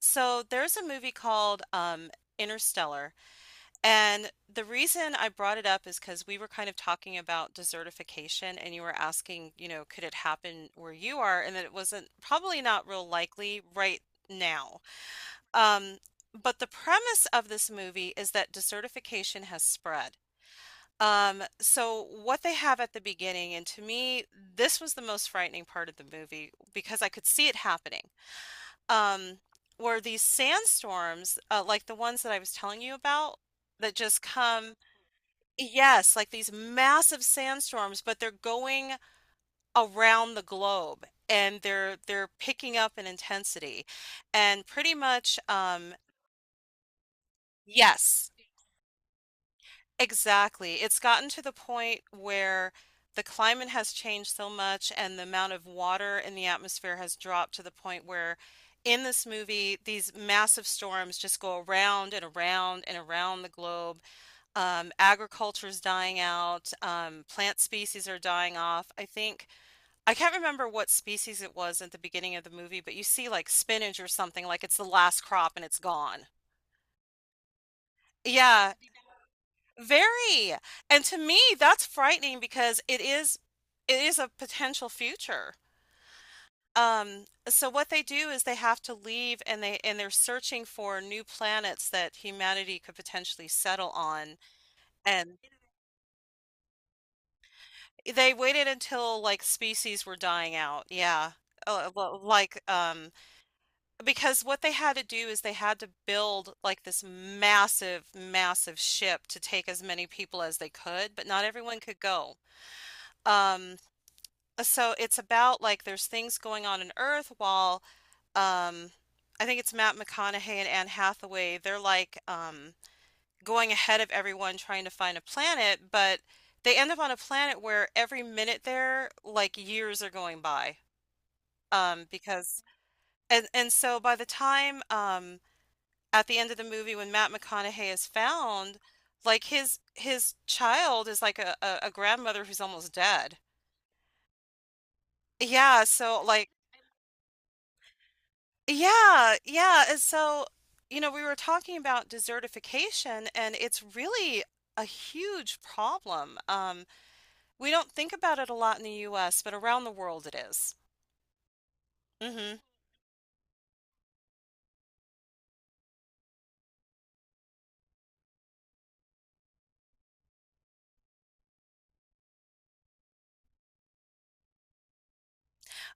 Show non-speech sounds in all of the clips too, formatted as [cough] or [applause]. So there's a movie called Interstellar, and the reason I brought it up is because we were kind of talking about desertification, and you were asking, you know, could it happen where you are, and that it wasn't probably not real likely right now. Um, but the premise of this movie is that desertification has spread. So what they have at the beginning, and to me, this was the most frightening part of the movie because I could see it happening um, were these sandstorms, like the ones that I was telling you about, that just come, yes, like these massive sandstorms, but they're going around the globe and they're picking up in intensity. And pretty much, yes. Exactly. It's gotten to the point where the climate has changed so much and the amount of water in the atmosphere has dropped to the point where in this movie these massive storms just go around and around and around the globe. Agriculture's dying out, plant species are dying off. I think I can't remember what species it was at the beginning of the movie, but you see like spinach or something, like it's the last crop and it's gone. Yeah. Very, and to me, that's frightening because it is a potential future. So what they do is they have to leave and they're searching for new planets that humanity could potentially settle on. And they waited until like species were dying out. Yeah. Well, because what they had to do is they had to build like this massive, massive ship to take as many people as they could, but not everyone could go. Um so it's about like there's things going on in Earth while um I think it's Matt McConaughey and Anne Hathaway, they're going ahead of everyone trying to find a planet, but they end up on a planet where every minute there like years are going by. Because and so by the time at the end of the movie when Matt McConaughey is found, like his child is like a grandmother who's almost dead. Yeah, so like yeah, yeah. And so, you know, we were talking about desertification, and it's really a huge problem. We don't think about it a lot in the US, but around the world it is. Mm-hmm.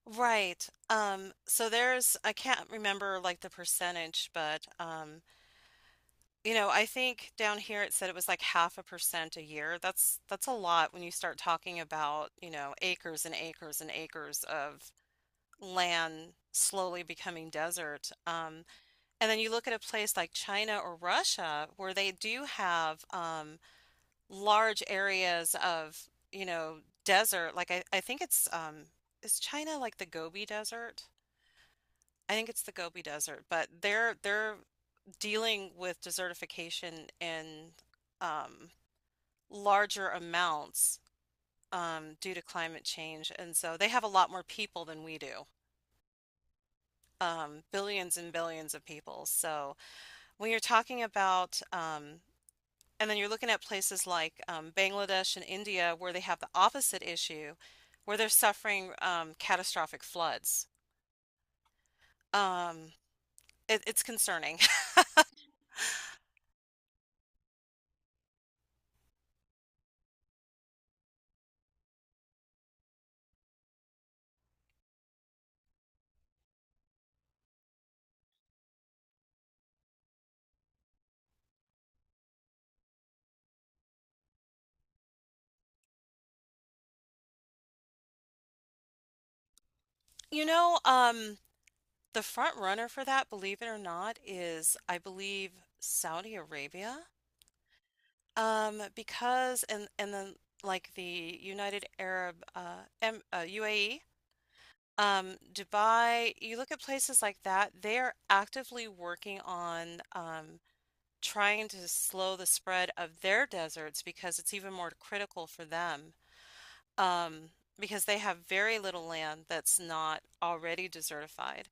Right. So there's, I can't remember like the percentage, but you know, I think down here it said it was like half a percent a year. That's a lot when you start talking about, you know, acres and acres and acres of land slowly becoming desert. And then you look at a place like China or Russia where they do have large areas of, you know, desert. Like I think it's is China like the Gobi Desert? I think it's the Gobi Desert, but they're dealing with desertification in um, larger amounts due to climate change, and so they have a lot more people than we do, billions and billions of people. So when you're talking about and then you're looking at places like Bangladesh and India where they have the opposite issue, where they're suffering catastrophic floods. Um, it, it's concerning. [laughs] You know, the front runner for that, believe it or not, is I believe Saudi Arabia. Because and then like the United Arab UAE, Dubai. You look at places like that; they are actively working on trying to slow the spread of their deserts because it's even more critical for them. Um, because they have very little land that's not already desertified.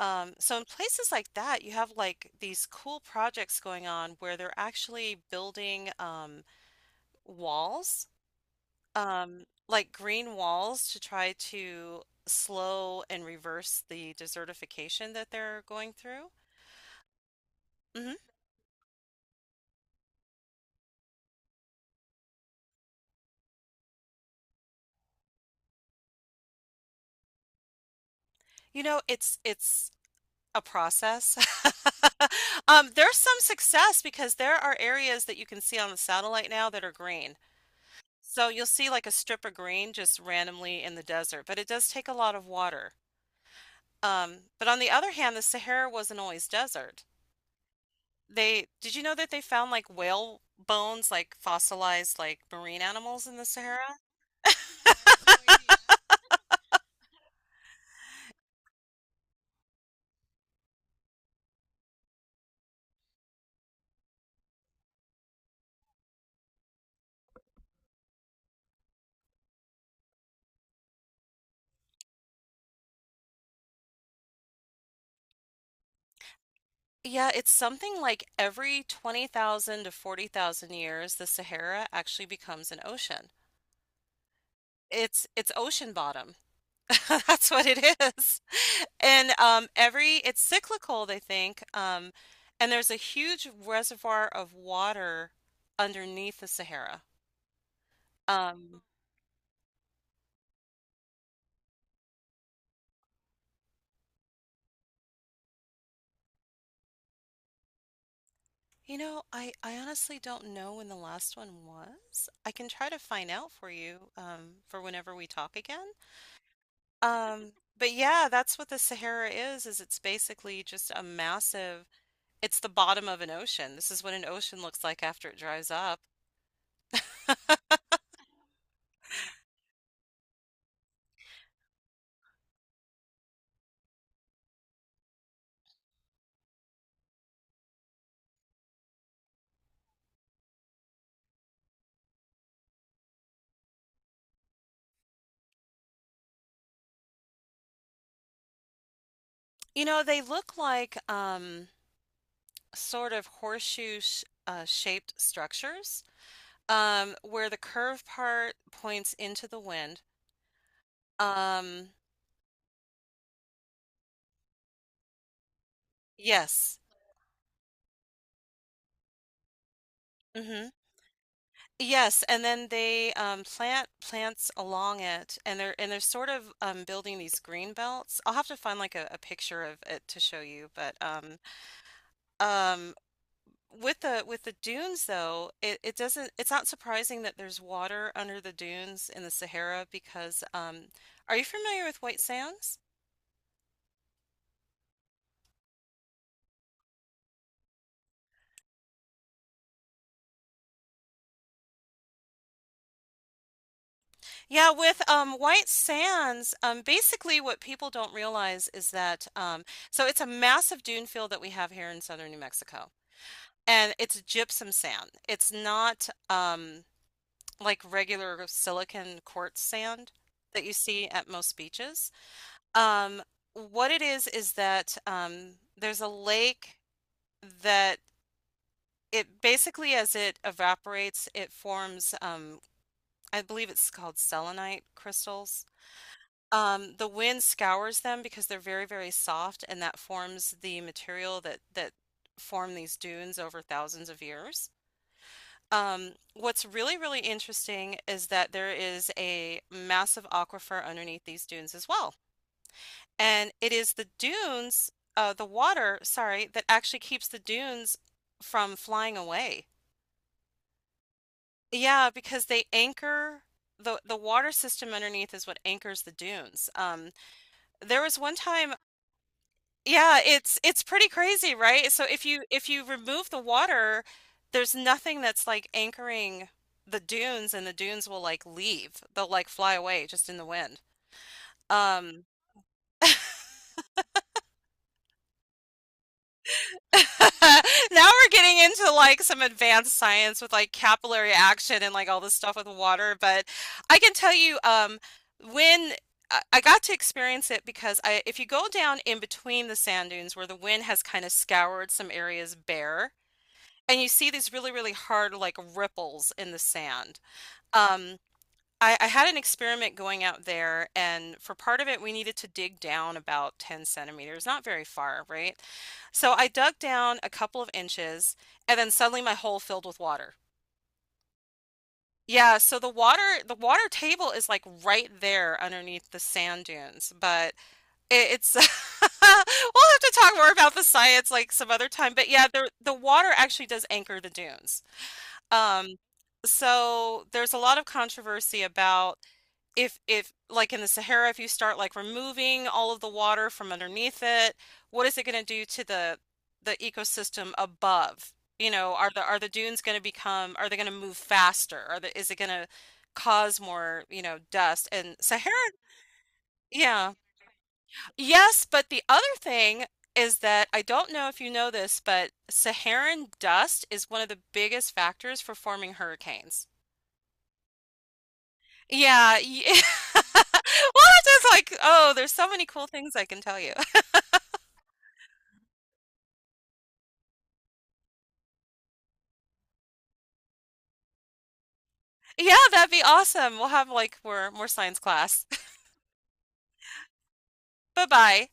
So in places like that, you have like these cool projects going on where they're actually building walls, like green walls to try to slow and reverse the desertification that they're going through. Hmm. You know, it's a process? [laughs] There's some success because there are areas that you can see on the satellite now that are green. So you'll see like a strip of green just randomly in the desert, but it does take a lot of water. But on the other hand, the Sahara wasn't always desert. They, did you know that they found like whale bones, like fossilized like marine animals in the Sahara? Yeah, it's something like every 20,000 to 40,000 years, the Sahara actually becomes an ocean. It's ocean bottom. [laughs] That's what it is. [laughs] And it's cyclical, they think. And there's a huge reservoir of water underneath the Sahara. Um, you know, I honestly don't know when the last one was. I can try to find out for you for whenever we talk again. Um, [laughs] but yeah, that's what the Sahara is it's basically just a massive, it's the bottom of an ocean. This is what an ocean looks like after it dries up. You know, they look like sort of horseshoe sh shaped structures where the curved part points into the wind. Um, yes. Hmm. Yes, and then they plant plants along it, and they're sort of building these green belts. I'll have to find like a picture of it to show you, but um, with the dunes though, it doesn't it's not surprising that there's water under the dunes in the Sahara because are you familiar with white sands? Yeah, with White Sands, basically what people don't realize is that so it's a massive dune field that we have here in southern New Mexico, and it's gypsum sand. It's not like regular silicon quartz sand that you see at most beaches. Um, what it is that there's a lake that it basically, as it evaporates, it forms, I believe it's called selenite crystals. The wind scours them because they're very, very soft, and that forms the material that form these dunes over thousands of years. What's really, really interesting is that there is a massive aquifer underneath these dunes as well. And it is the dunes, the water, sorry, that actually keeps the dunes from flying away. Yeah, because they anchor the water system underneath is what anchors the dunes. There was one time yeah, it's pretty crazy, right? So if you remove the water, there's nothing that's like anchoring the dunes and the dunes will like leave. They'll like fly away just in the wind. Um [laughs] Now we're getting into like some advanced science with like capillary action and like all this stuff with water, but I can tell you when I got to experience it because I, if you go down in between the sand dunes where the wind has kind of scoured some areas bare, and you see these really, really hard like ripples in the sand. Um, I had an experiment going out there, and for part of it, we needed to dig down about 10 centimeters, not very far, right? So I dug down a couple of inches, and then suddenly my hole filled with water. Yeah, so the water table is like right there underneath the sand dunes, but it, it's [laughs] we'll have to talk more about the science like some other time. But yeah, the water actually does anchor the dunes. Um, so there's a lot of controversy about if like in the Sahara, if you start like removing all of the water from underneath it, what is it going to do to the ecosystem above? You know, are the dunes going to become are they going to move faster? Are the is it going to cause more, you know, dust? And Sahara, yeah. Yes, but the other thing is that I don't know if you know this, but Saharan dust is one of the biggest factors for forming hurricanes. Yeah, ye [laughs] well, it's just like, oh, there's so many cool things I can tell you. [laughs] Yeah, that'd be awesome. We'll have like more science class. [laughs] Bye-bye.